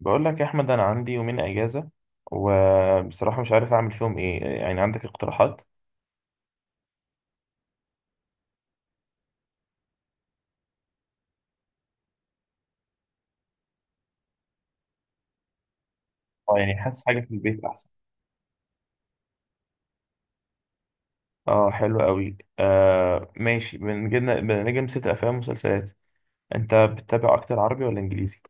بقول لك يا احمد، انا عندي يومين اجازه. وبصراحه مش عارف اعمل فيهم ايه. يعني عندك اقتراحات؟ اه، يعني حاسس حاجه في البيت احسن. اه، حلو قوي. آه، ماشي. بنجي نسيت. افلام ومسلسلات. انت بتتابع اكتر عربي ولا انجليزي؟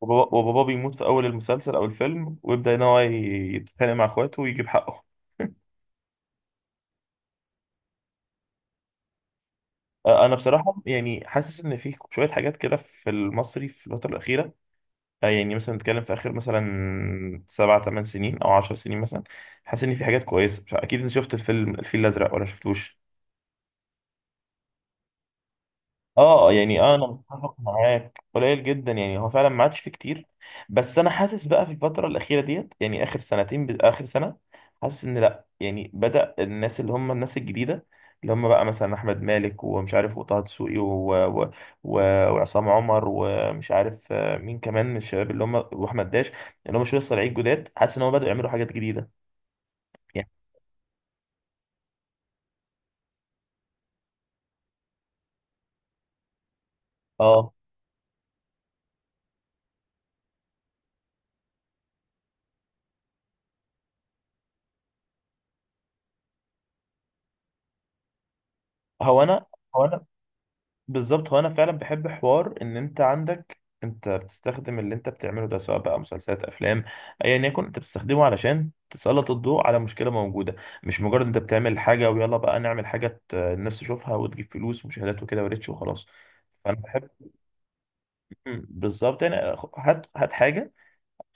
وبابا بيموت في اول المسلسل او الفيلم، ويبدا ان هو يتخانق مع اخواته ويجيب حقه. انا بصراحه، يعني حاسس ان في شويه حاجات كده في المصري في الفتره الاخيره. يعني مثلا نتكلم في اخر مثلا سبع ثمان سنين، او 10 سنين مثلا. حاسس ان في حاجات كويسه. مش عارف- اكيد انت شفت الفيلم الفيل الازرق ولا شفتوش؟ اه، يعني انا متفق معاك. قليل جدا. يعني هو فعلا ما عادش فيه كتير. بس انا حاسس بقى في الفتره الاخيره ديت، يعني اخر سنتين، اخر سنه. حاسس ان لا، يعني بدا الناس اللي هم الناس الجديده. اللي هم بقى مثلا احمد مالك، ومش عارف، وطه دسوقي، و... و... و... وعصام عمر، ومش عارف مين كمان من الشباب، اللي هم واحمد داش. اللي هم شويه صراعيه جداد. حاسس ان هم بداوا يعملوا حاجات جديده. يعني اه هو انا هو انا بالظبط. هو انا فعلا بحب حوار ان انت عندك، انت بتستخدم اللي انت بتعمله ده سواء بقى مسلسلات افلام. ايا يكن انت بتستخدمه علشان تسلط الضوء على مشكله موجوده. مش مجرد انت بتعمل حاجه ويلا بقى نعمل حاجه الناس تشوفها وتجيب فلوس ومشاهدات وكده وريتش وخلاص. فانا بحب. بالظبط. يعني هات هات حاجه.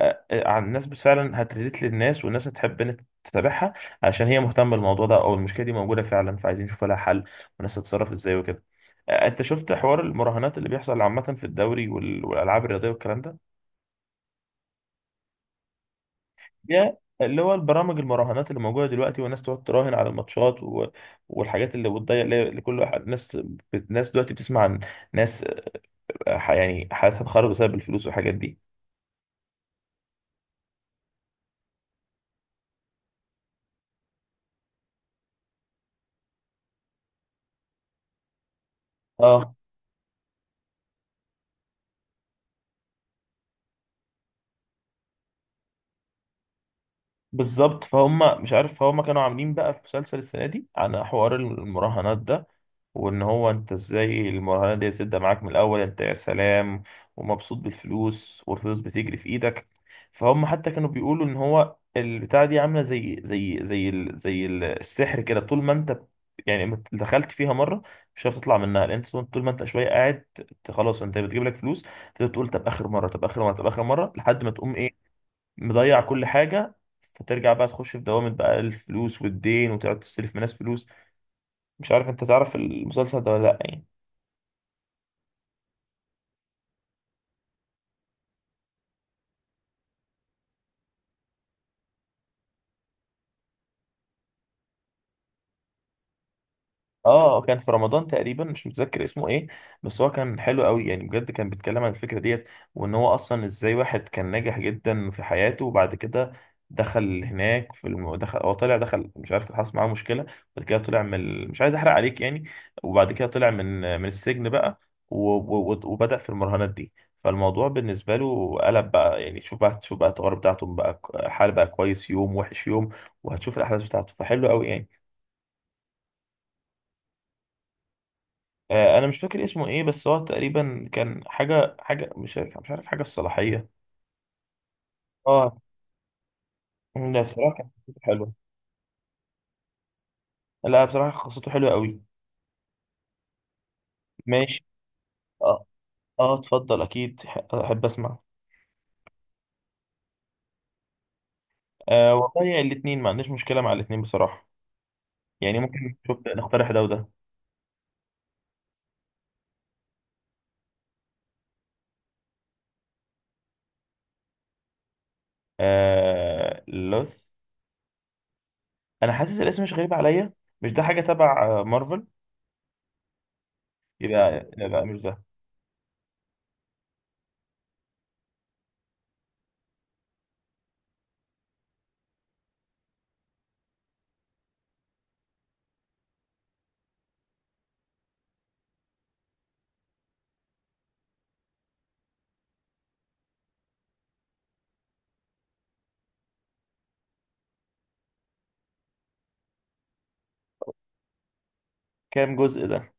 عن الناس بس فعلا هتريليت للناس، والناس هتحب ان إنت تتابعها. عشان هي مهتمه بالموضوع ده، او المشكله دي موجوده فعلا، فعايزين نشوف لها حل. والناس هتتصرف ازاي وكده. انت شفت حوار المراهنات اللي بيحصل عامه في الدوري والالعاب الرياضيه والكلام ده؟ ده اللي هو البرامج المراهنات اللي موجوده دلوقتي، والناس تقعد تراهن على الماتشات والحاجات اللي بتضيع، اللي كل واحد ناس دلوقتي بتسمع عن ناس. يعني حياتها اتخرب بسبب الفلوس والحاجات دي. اه، بالظبط. فهم مش عارف، فهم كانوا عاملين بقى في مسلسل السنة دي عن حوار المراهنات ده. وان هو انت ازاي المراهنات دي بتبدأ معاك من الاول، انت يا سلام، ومبسوط بالفلوس، والفلوس بتجري في ايدك. فهم حتى كانوا بيقولوا ان هو البتاعة دي عاملة زي السحر كده. طول ما انت يعني ما دخلت فيها مرة، مش هتعرف تطلع منها. لان انت طول ما انت شوية قاعد خلاص، انت بتجيب لك فلوس. فتقول طب اخر مرة، طب اخر مرة، طب اخر مرة، لحد ما تقوم إيه، مضيع كل حاجة. فترجع بقى تخش في دوامة بقى الفلوس والدين، وتقعد تستلف من ناس فلوس. مش عارف، انت تعرف المسلسل ده ولا لأ يعني؟ اه. كان في رمضان تقريبا، مش متذكر اسمه ايه. بس هو كان حلو قوي، يعني بجد كان بيتكلم عن الفكره ديت. وان هو اصلا ازاي واحد كان ناجح جدا في حياته، وبعد كده دخل هناك دخل. هو طلع دخل، مش عارف، كان حصل معاه مشكله. بعد كده طلع مش عايز احرق عليك يعني. وبعد كده طلع من السجن بقى، و... و... و- وبدأ في المراهنات دي. فالموضوع بالنسبه له قلب بقى، يعني شوف بقى، شوف بقى التجارب بتاعته بقى. حال بقى، كويس يوم وحش يوم. وهتشوف الاحداث بتاعته، فحلو قوي يعني. انا مش فاكر اسمه ايه. بس هو تقريبا كان حاجه مش عارف، حاجه الصلاحيه. اه، لا بصراحه كانت قصته حلوه. لا بصراحه قصته حلوه قوي. ماشي. اه، اه، اتفضل اكيد احب اسمع. آه، والله الاثنين ما عنديش مشكله مع الاثنين بصراحه. يعني ممكن نشوف، نقترح ده وده. آه، لوث. انا حاسس الاسم مش غريب عليا. مش ده حاجه تبع مارفل؟ يبقى مش ده. كام جزء ده؟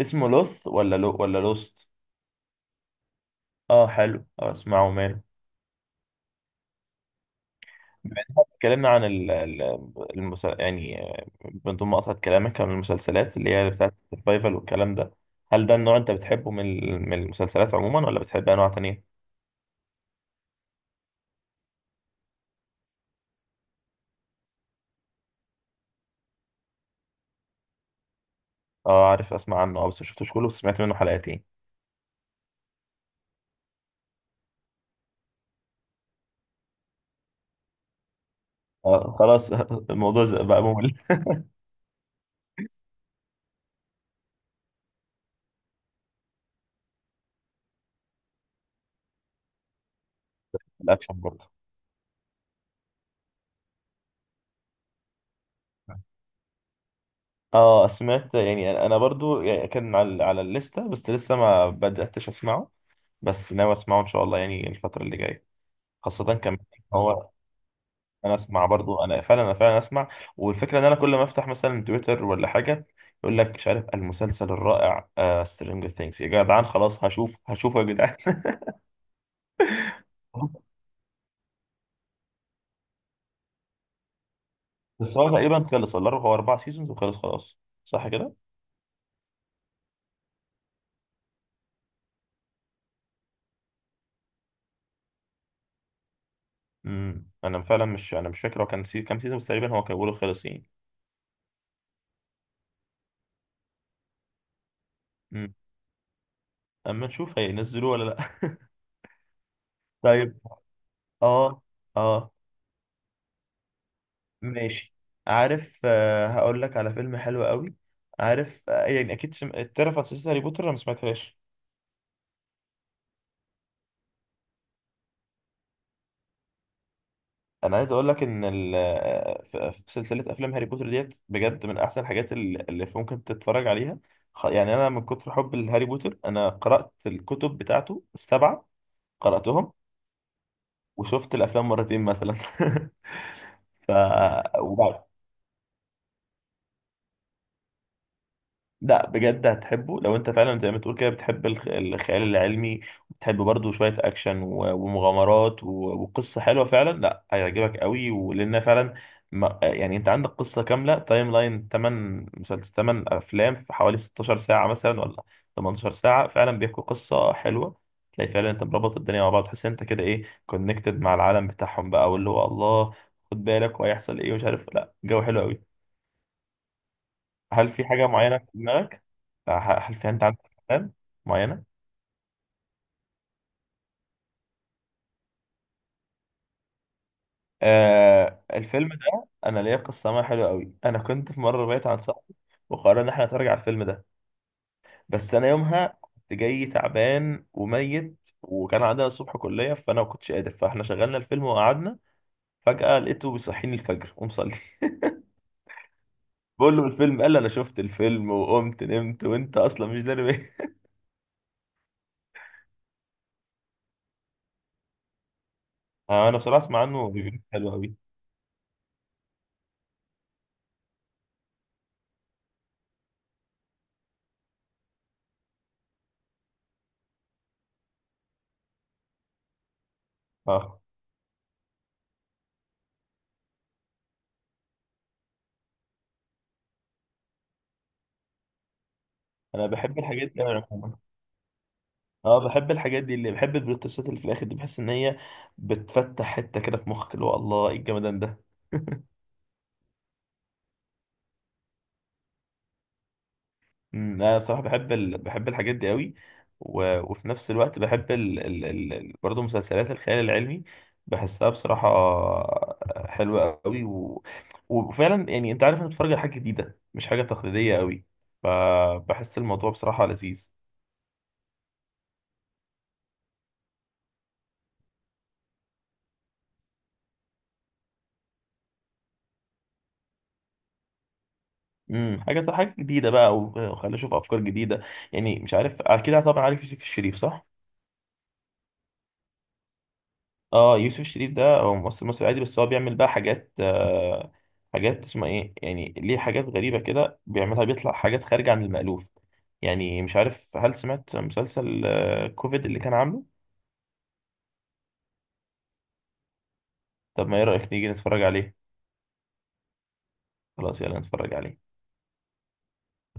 اسمه لوث، ولا لو، ولا لوست؟ اه، حلو. اسمعه ماله. بما إن إحنا اتكلمنا عن يعني، من ضمن مقاطعة كلامك عن المسلسلات اللي هي بتاعت السرفايفل والكلام ده، هل ده النوع انت بتحبه من المسلسلات عموما، ولا بتحب انواع تانية؟ اه، عارف، اسمع عنه. اه، بس مشفتوش كله، بس سمعت منه حلقتين. اه، خلاص. الموضوع بقى ممل. الاكشن برضه. اه، سمعت. يعني انا برضو، يعني كان على الليستة، بس لسه ما بدأتش اسمعه. بس ناوي اسمعه ان شاء الله، يعني الفترة اللي جاية. خاصة كمان إن هو. انا اسمع برضو، انا فعلا اسمع. والفكره ان انا كل ما افتح مثلا تويتر ولا حاجه، يقول لك، مش عارف، المسلسل الرائع سترينجر ثينجز يا جدعان. خلاص هشوفه يا جدعان. بس هو تقريبا خلص. الله، هو 4 سيزونز وخلص خلاص. صح كده؟ انا فعلا مش، انا مش فاكر. هو كان كام سيزون بس تقريبا. هو كان بيقولوا خلص يعني. امم اما نشوف هينزلوه ولا لا. طيب. اه. اه، ماشي. عارف، هقول لك على فيلم حلو قوي. عارف، يعني اكيد تعرف عن سلسله هاري بوتر؟ انا ما سمعتهاش. انا عايز اقول لك ان في سلسله افلام هاري بوتر ديت بجد من احسن الحاجات اللي ممكن تتفرج عليها. يعني انا من كتر حب لهاري بوتر، انا قرات الكتب بتاعته السبعه. قراتهم. وشفت الافلام مرتين مثلا. ف، لا بجد هتحبه لو انت فعلا زي ما تقول كده بتحب الخيال العلمي، وبتحب برضه شوية اكشن و- ومغامرات و- وقصة حلوة فعلا. لا هيعجبك قوي، ولان فعلا ما يعني انت عندك قصة كاملة، تايم لاين، 8 مسلسل، 8 افلام، في حوالي 16 ساعة مثلا، ولا 18 ساعة، فعلا بيحكوا قصة حلوة. تلاقي فعلا انت مربط الدنيا مع بعض، تحس انت كده ايه كونكتد مع العالم بتاعهم بقى، واللي هو الله خد بالك وهيحصل ايه، ومش عارف. لا، جو حلو قوي. هل في حاجة معينة في دماغك؟ هل في أنت عندك أفلام معينة؟ الفيلم ده أنا ليا قصة معاه حلوة قوي. أنا كنت في مرة بعيد عن صاحبي، وقررنا إن إحنا نتفرج على الفيلم ده. بس أنا يومها كنت جاي تعبان وميت، وكان عندنا الصبح كلية، فأنا ما كنتش قادر، فإحنا شغلنا الفيلم وقعدنا. فجأة لقيته بيصحيني الفجر ومصلي. بقول له الفيلم، قال لي أنا شفت الفيلم وقمت نمت وأنت أصلا مش داري بيه. أنا بصراحة أسمع عنه، بيقول حلو قوي. أه، أنا بحب الحاجات دي أوي عموماً. اه، بحب الحاجات دي، اللي بحب البلوتوثات اللي في الاخر دي، بحس ان هي بتفتح حته كده في مخك، اللي هو الله ايه الجمدان ده. انا بصراحه بحب بحب الحاجات دي قوي. وفي نفس الوقت بحب برضه مسلسلات الخيال العلمي. بحسها بصراحه حلوه قوي، وفعلا يعني انت عارف انك بتتفرج على حاجه جديده، مش حاجه تقليديه قوي. فبحس الموضوع بصراحه لذيذ. حاجه جديده بقى و- وخلينا اشوف افكار جديده. يعني مش عارف، اكيد طبعا عارف يوسف الشريف، صح؟ اه، يوسف الشريف ده هو ممثل مصري عادي. بس هو بيعمل بقى حاجات، حاجات اسمها ايه، يعني ليه حاجات غريبة كده بيعملها، بيطلع حاجات خارجة عن المألوف. يعني مش عارف، هل سمعت مسلسل كوفيد اللي كان عامله؟ طب ما ايه رأيك نيجي نتفرج عليه؟ خلاص، يلا نتفرج عليه.